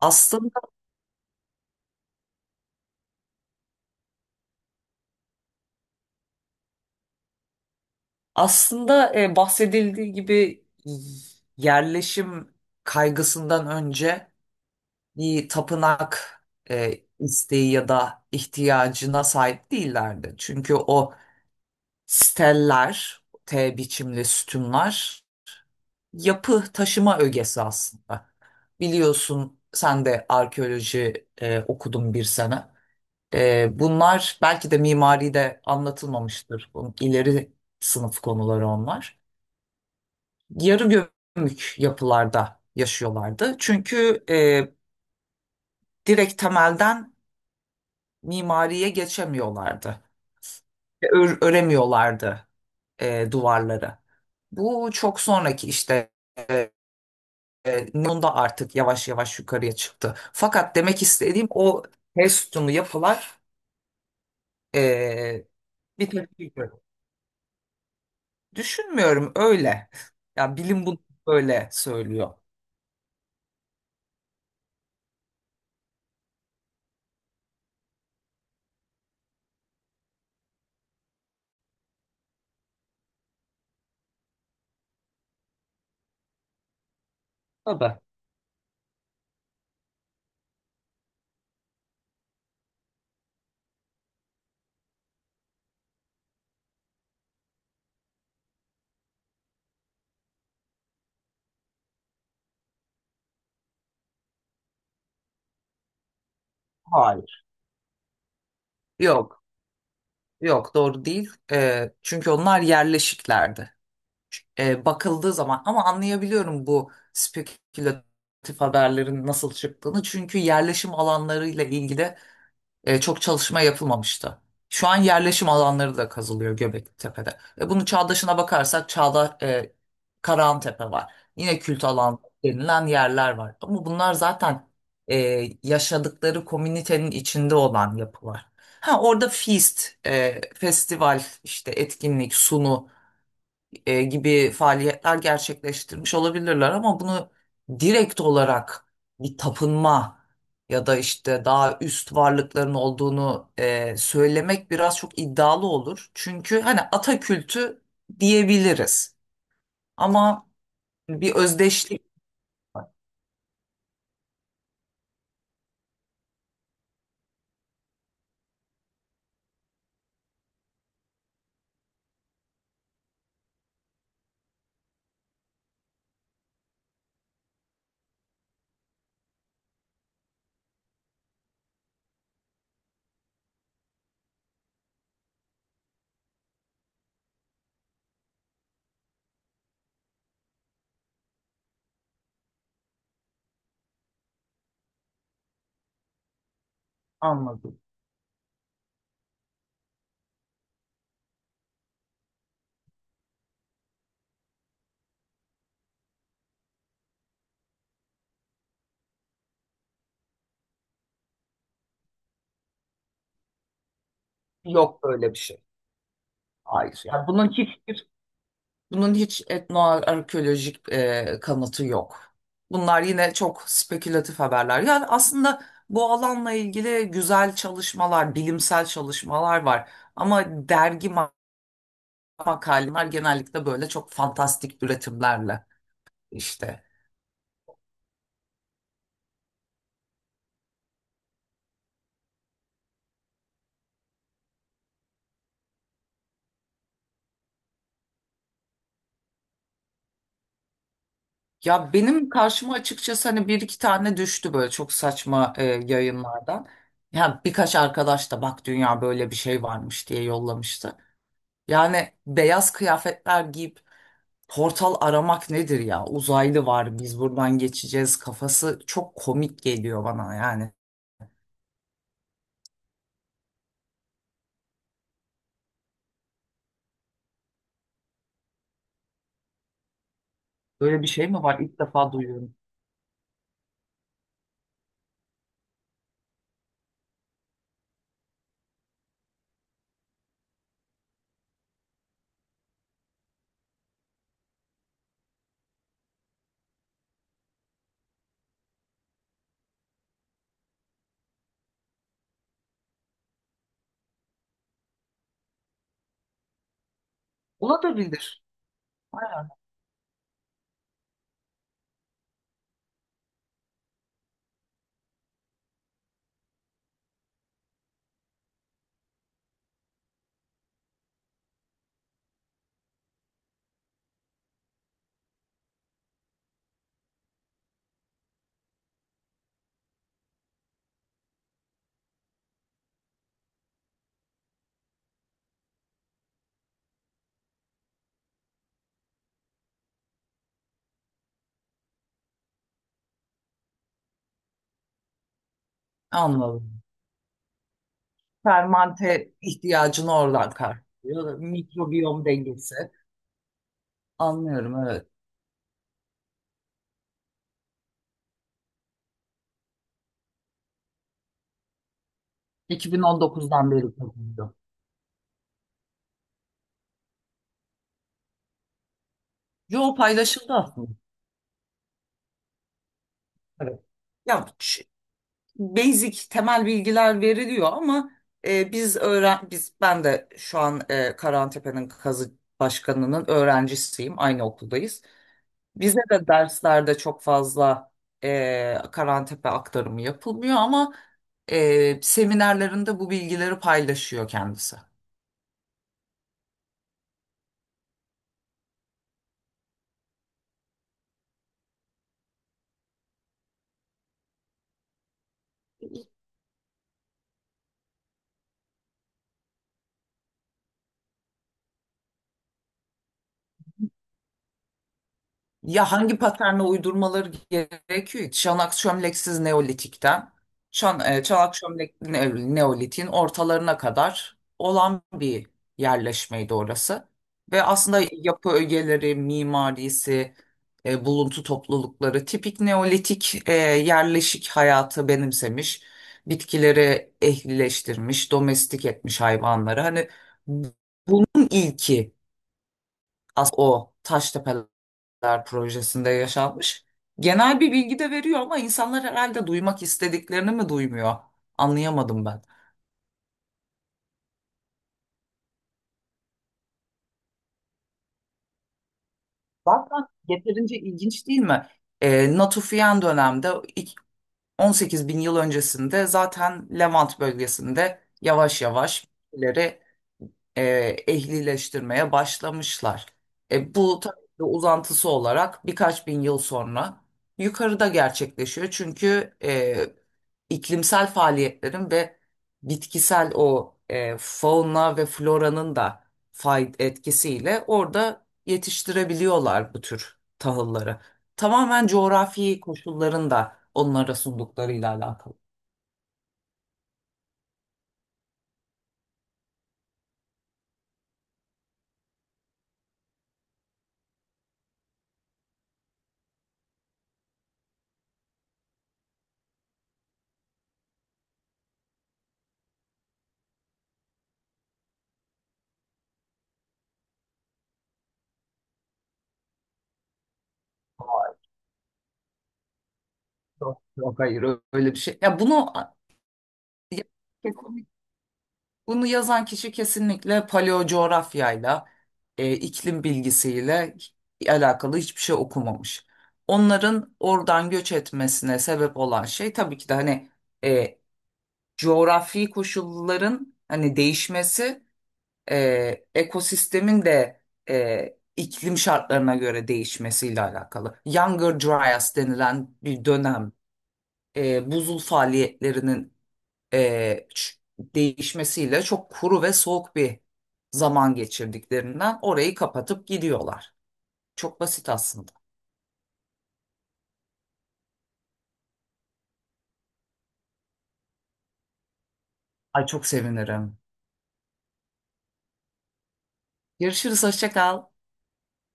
Aslında aslında bahsedildiği gibi yerleşim kaygısından önce bir tapınak e, isteği ya da ihtiyacına sahip değillerdi. Çünkü o steller, T biçimli sütunlar yapı taşıma ögesi aslında. Biliyorsun sen de arkeoloji okudun bir sene. Bunlar belki de mimari de anlatılmamıştır. Bu ileri sınıf konuları onlar. Yarı gömük yapılarda yaşıyorlardı. Çünkü direkt temelden mimariye geçemiyorlardı. Öremiyorlardı duvarları. Bu çok sonraki işte e, Neon'da artık yavaş yavaş yukarıya çıktı. Fakat demek istediğim o ters sütunlu yapılar e, bir tepki gördü. Düşünmüyorum öyle. Ya bilim bunu böyle söylüyor. Tabii. Hayır. Yok. Yok, doğru değil. Çünkü onlar yerleşiklerdi. Bakıldığı zaman, ama anlayabiliyorum bu spekülatif haberlerin nasıl çıktığını. Çünkü yerleşim alanlarıyla ilgili çok çalışma yapılmamıştı. Şu an yerleşim alanları da kazılıyor Göbektepe'de. Bunu Çağdaş'ına bakarsak Karahantepe var. Yine kült alan denilen yerler var. Ama bunlar zaten e, yaşadıkları komünitenin içinde olan yapılar. Ha orada feast, festival, işte etkinlik, sunu gibi faaliyetler gerçekleştirmiş olabilirler, ama bunu direkt olarak bir tapınma ya da işte daha üst varlıkların olduğunu söylemek biraz çok iddialı olur. Çünkü hani ata kültü diyebiliriz ama bir özdeşlik var. Anladım. Yok böyle bir şey. Hayır. Bunun hiç etnoarkeolojik kanıtı yok. Bunlar yine çok spekülatif haberler. Yani aslında bu alanla ilgili güzel çalışmalar, bilimsel çalışmalar var. Ama makaleler genellikle böyle çok fantastik üretimlerle işte. Ya benim karşıma açıkçası hani bir iki tane düştü böyle çok saçma yayınlardan. Ya birkaç arkadaş da bak dünya böyle bir şey varmış diye yollamıştı. Yani beyaz kıyafetler giyip portal aramak nedir ya? Uzaylı var, biz buradan geçeceğiz kafası çok komik geliyor bana yani. Böyle bir şey mi var? İlk defa duyuyorum. Olabilir. Aynen. Anladım. Fermante ihtiyacını oradan karşılıyor. Mikrobiyom dengesi. Anlıyorum, evet. 2019'dan beri kazanıyor. Yo, paylaşıldı aslında. Evet. Ya şu basic temel bilgiler veriliyor ama e, biz öğren biz ben de şu an Karantepe'nin kazı başkanının öğrencisiyim. Aynı okuldayız. Bize de derslerde çok fazla Karantepe aktarımı yapılmıyor ama seminerlerinde bu bilgileri paylaşıyor kendisi. Ya hangi paterne uydurmaları gerekiyor? Çanak çömleksiz Neolitik'ten, çanak çömlekli Neolitik'in ortalarına kadar olan bir yerleşmeydi orası. Ve aslında yapı ögeleri, mimarisi, buluntu toplulukları tipik Neolitik yerleşik hayatı benimsemiş, bitkileri ehlileştirmiş, domestik etmiş hayvanları. Hani bunun ilki as o Taştepe Ler projesinde yaşanmış. Genel bir bilgi de veriyor ama insanlar herhalde duymak istediklerini mi duymuyor? Anlayamadım ben. Zaten yeterince ilginç değil mi? Natufian dönemde ilk 18 bin yıl öncesinde zaten Levant bölgesinde yavaş yavaş ileri e, ehlileştirmeye başlamışlar. Bu tabii ki uzantısı olarak birkaç bin yıl sonra yukarıda gerçekleşiyor. Çünkü iklimsel faaliyetlerin ve bitkisel o fauna ve floranın da fay etkisiyle orada yetiştirebiliyorlar bu tür tahılları. Tamamen coğrafi koşulların da onlara sunduklarıyla alakalı. Yok, yok, hayır öyle bir şey. Bunu yazan kişi kesinlikle paleo coğrafyayla, iklim bilgisiyle alakalı hiçbir şey okumamış. Onların oradan göç etmesine sebep olan şey tabii ki de hani e, coğrafi koşulların hani değişmesi, ekosistemin de iklim şartlarına göre değişmesiyle alakalı. Younger Dryas denilen bir dönem buzul faaliyetlerinin değişmesiyle çok kuru ve soğuk bir zaman geçirdiklerinden orayı kapatıp gidiyorlar. Çok basit aslında. Ay, çok sevinirim. Görüşürüz, hoşça kal.